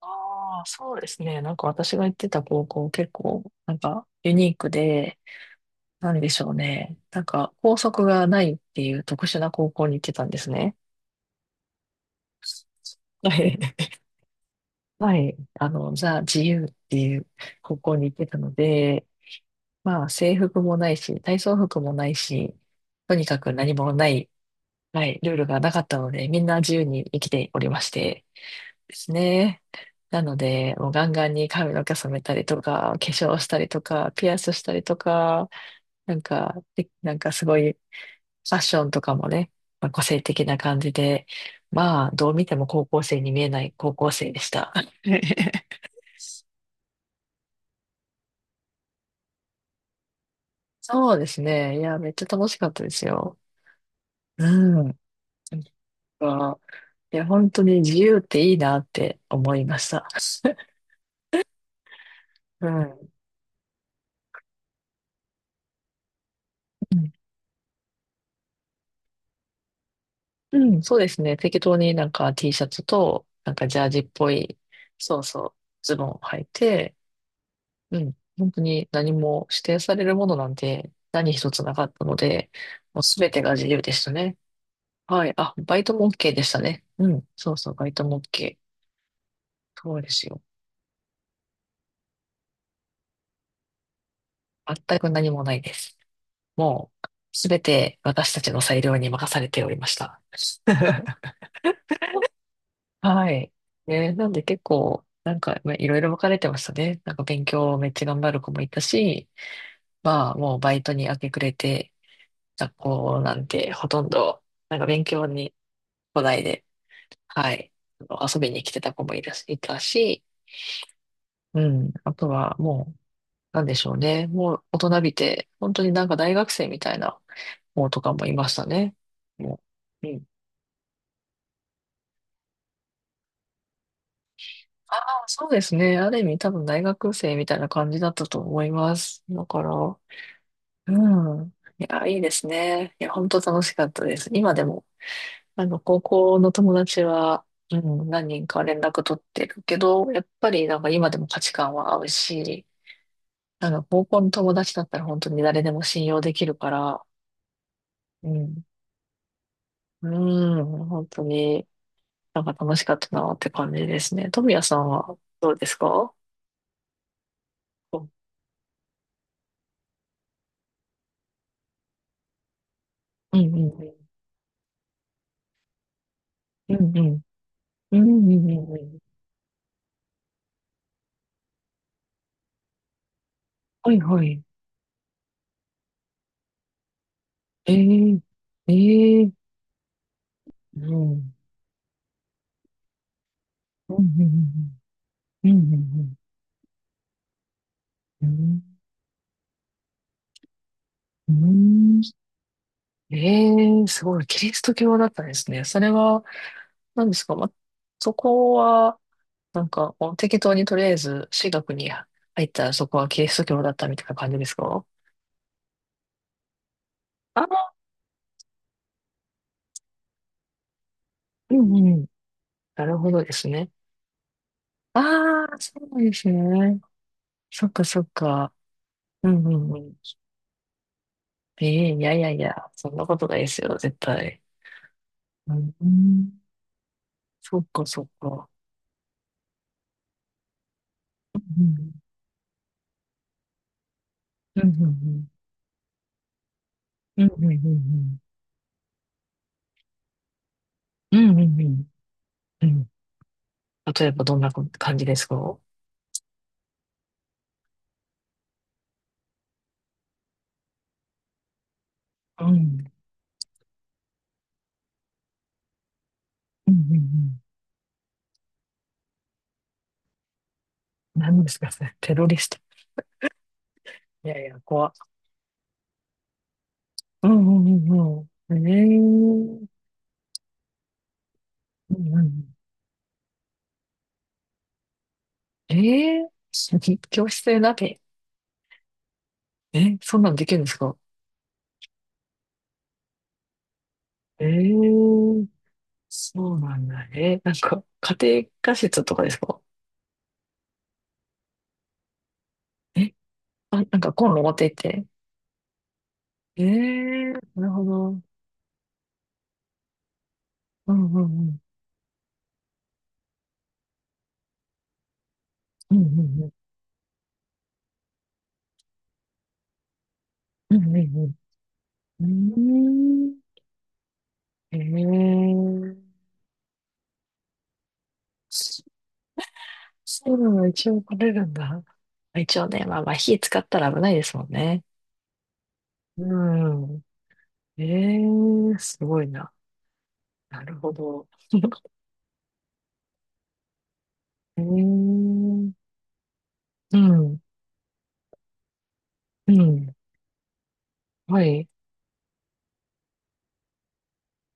ああ、そうですね。なんか私が行ってた高校結構、なんかユニークで、なんでしょうね。なんか校則がないっていう特殊な高校に行ってたんですね。はい。はい。あの、ザ・自由っていう高校に行ってたので、まあ制服もないし、体操服もないし、とにかく何もない。はい、ルールがなかったので、みんな自由に生きておりまして、ですね。なので、もうガンガンに髪の毛染めたりとか、化粧したりとか、ピアスしたりとか、なんか、でなんかすごい、ファッションとかもね、まあ、個性的な感じで、まあ、どう見ても高校生に見えない高校生でした。そうですね。いや、めっちゃ楽しかったですよ。うん。なんか、いや、本当に自由っていいなって思いました。うん。うん、うん、そうですね。適当になんか T シャツと、なんかジャージっぽい、そうそう、ズボンを履いて、うん、本当に何も指定されるものなんて何一つなかったので、もうすべてが自由でしたね。はい。あ、バイトも OK でしたね。うん、そうそう、バイトも OK。そうですよ。全く何もないです。もう、すべて私たちの裁量に任されておりました。はい。ね、なんで結構、なんか、まあ、いろいろ分かれてましたね。なんか勉強めっちゃ頑張る子もいたし、まあもうバイトに明け暮れて、学校なんてほとんど、なんか勉強に来ないで、はい、あの遊びに来てた子もいたし、うん、あとはもう、なんでしょうね。もう大人びて、本当になんか大学生みたいな子とかもいましたね。もう、うん。ああ、そうですね。ある意味多分大学生みたいな感じだったと思います。だから、うん。いや、いいですね。いや、本当楽しかったです。今でも、あの、高校の友達は、うん、何人か連絡取ってるけど、やっぱりなんか今でも価値観は合うし、なんか高校の友達だったら本当に誰でも信用できるから、うん、うん、本当になんか楽しかったなって感じですね。富谷さんはどうですか？うんうんうん。うんうん。うんうんうんうん。はいはい。ええ、ええ、うん。うんうんうんうんうんうんうん。うん。うん、ええ、すごい。キリスト教だったんですね。それは、何ですか、ま、そこは、なんか、こう適当にとりあえず、私学に入ったらそこはキリスト教だったみたいな感じですか？あ、うんうん。なるほどですね。ああ、そうなんですね。そっかそっか。うんうんうん。ええ、いやいやいや、そんなことないですよ、絶対。うん、そっかそっか。うんうんうんうんうんうんうんうんうんうんうんうん。うん。例えばどんな感じですか？うん。うんうんうん。何ですかそれ？テロリスト。いやいや、怖っ。うんうんうんうん。ええ、うんうん。ええー、教室で鍋。え、そんなのできるんですか？ええ、そうなんだ。え、なんか、家庭科室とかですか？え、あ、なんかコンロ持って行って。ええ、なるほど。うんうんうん。うんうんうん。うんうんうん。うーん、へえ。そそういうのが一応取れるんだ。一応ね、まあまあ火使ったら危ないですもんね。うん。ええ、すごいな。なるほど。ええ、うん、うん。はい。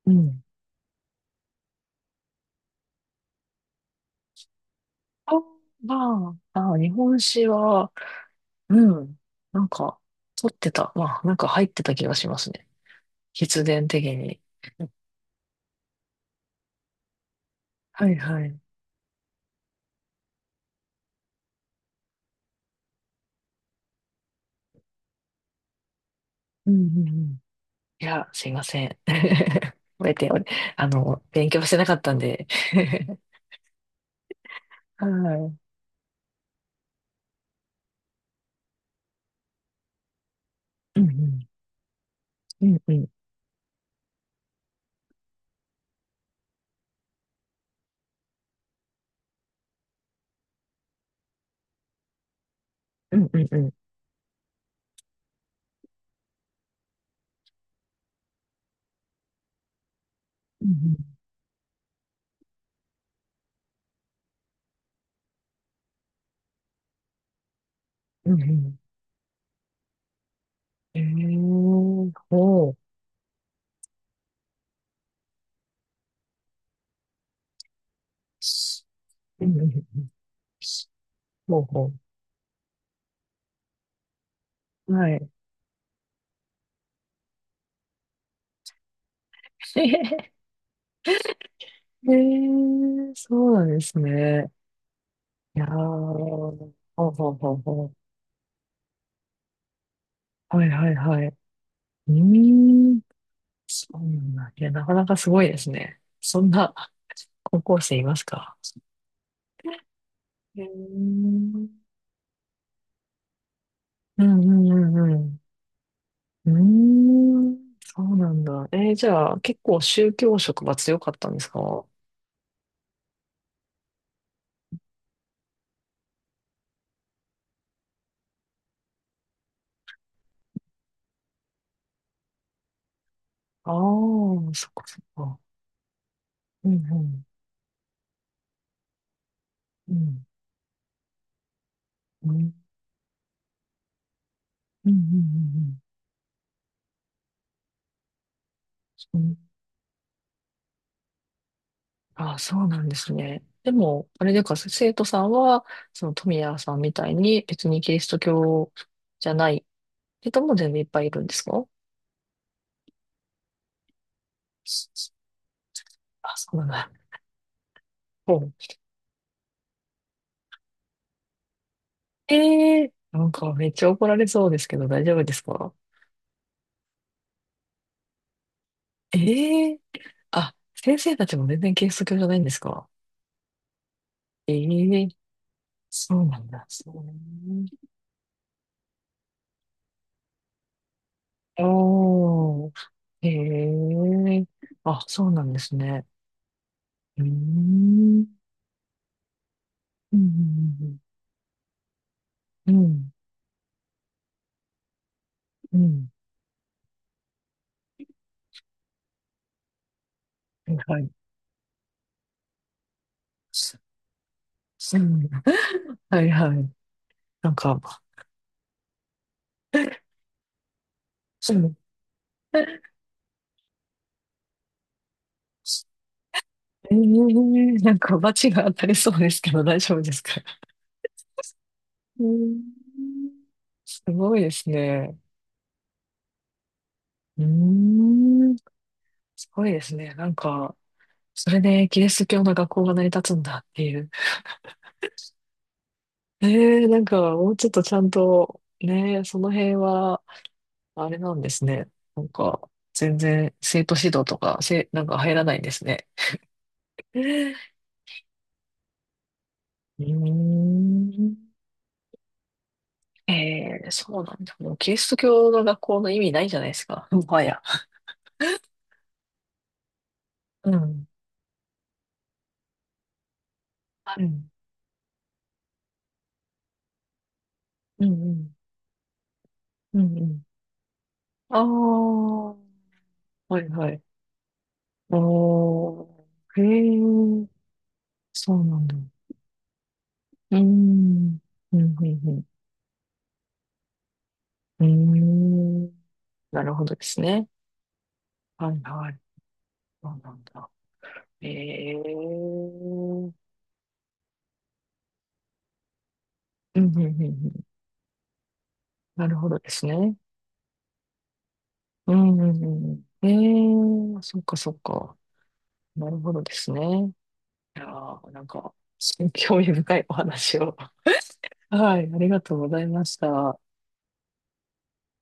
うん。あ、まあ、まあ、日本酒は、うん。なんか、取ってた。まあ、なんか入ってた気がしますね。必然的に。はいはい。うんうんうん。いや、すいません。覚えて、おあの、勉強してなかったんで。はい。うんうん。うんうん。うんうんうん。うんうん。うんうん。えー、ほう。うんうんうん。ほうほう。はい。ええー、そうなんですね。いやー、ほうほうほうほう。はいはいはい。うーん、そうなんだ。いや、なかなかすごいですね。そんな高校生いますか？へえ、うんうんうんうん。うーん、そうなんだ。じゃあ、結構宗教色は強かったんですか？ああー、そっかそっか。うんうん。うん。うん。うんうんうんうん。ああ、そうなんですね。でも、あれでか、生徒さんは、その富谷さんみたいに別にキリスト教じゃない人も全然いっぱいいるんですか？あ、そうなんだ。ほう、ええ、なんかめっちゃ怒られそうですけど大丈夫ですか？ええ、あ、先生たちも全然キリスト教じゃないんですか？ええ、そうなんだ。そう、おー、ええ、あ、そうなんですね。うーん、うん、うん、うん、うん、うん、はい、はい。うん、はいはい。なんか、うん、ええ、なんか、罰が当たりそうですけど、大丈夫ですか？うーん、すごいですね。うーん、すごいですね。なんか、それでキリスト教の学校が成り立つんだっていう。ええ、なんか、もうちょっとちゃんと、ね、その辺は、あれなんですね。なんか、全然、生徒指導とか、なんか入らないんですね。うーん。ええ、そうなんだ。もう、キリスト教の学校の意味ないじゃないですか。もはや。うん。うん。うん。うん。うんうん。ああ、はいはい。おー、へえ、そうなんだ。うーん。うん、うん、うん。うーん。なるほどですね。はい、はい。そうなんだ。ええー、うん、うん、うん、うん。なるほどですね。うん、うん、うんうん。ええー、そっか、そっか。なるほどですね。いやー、なんか、興味深いお話を。はい、ありがとうございました。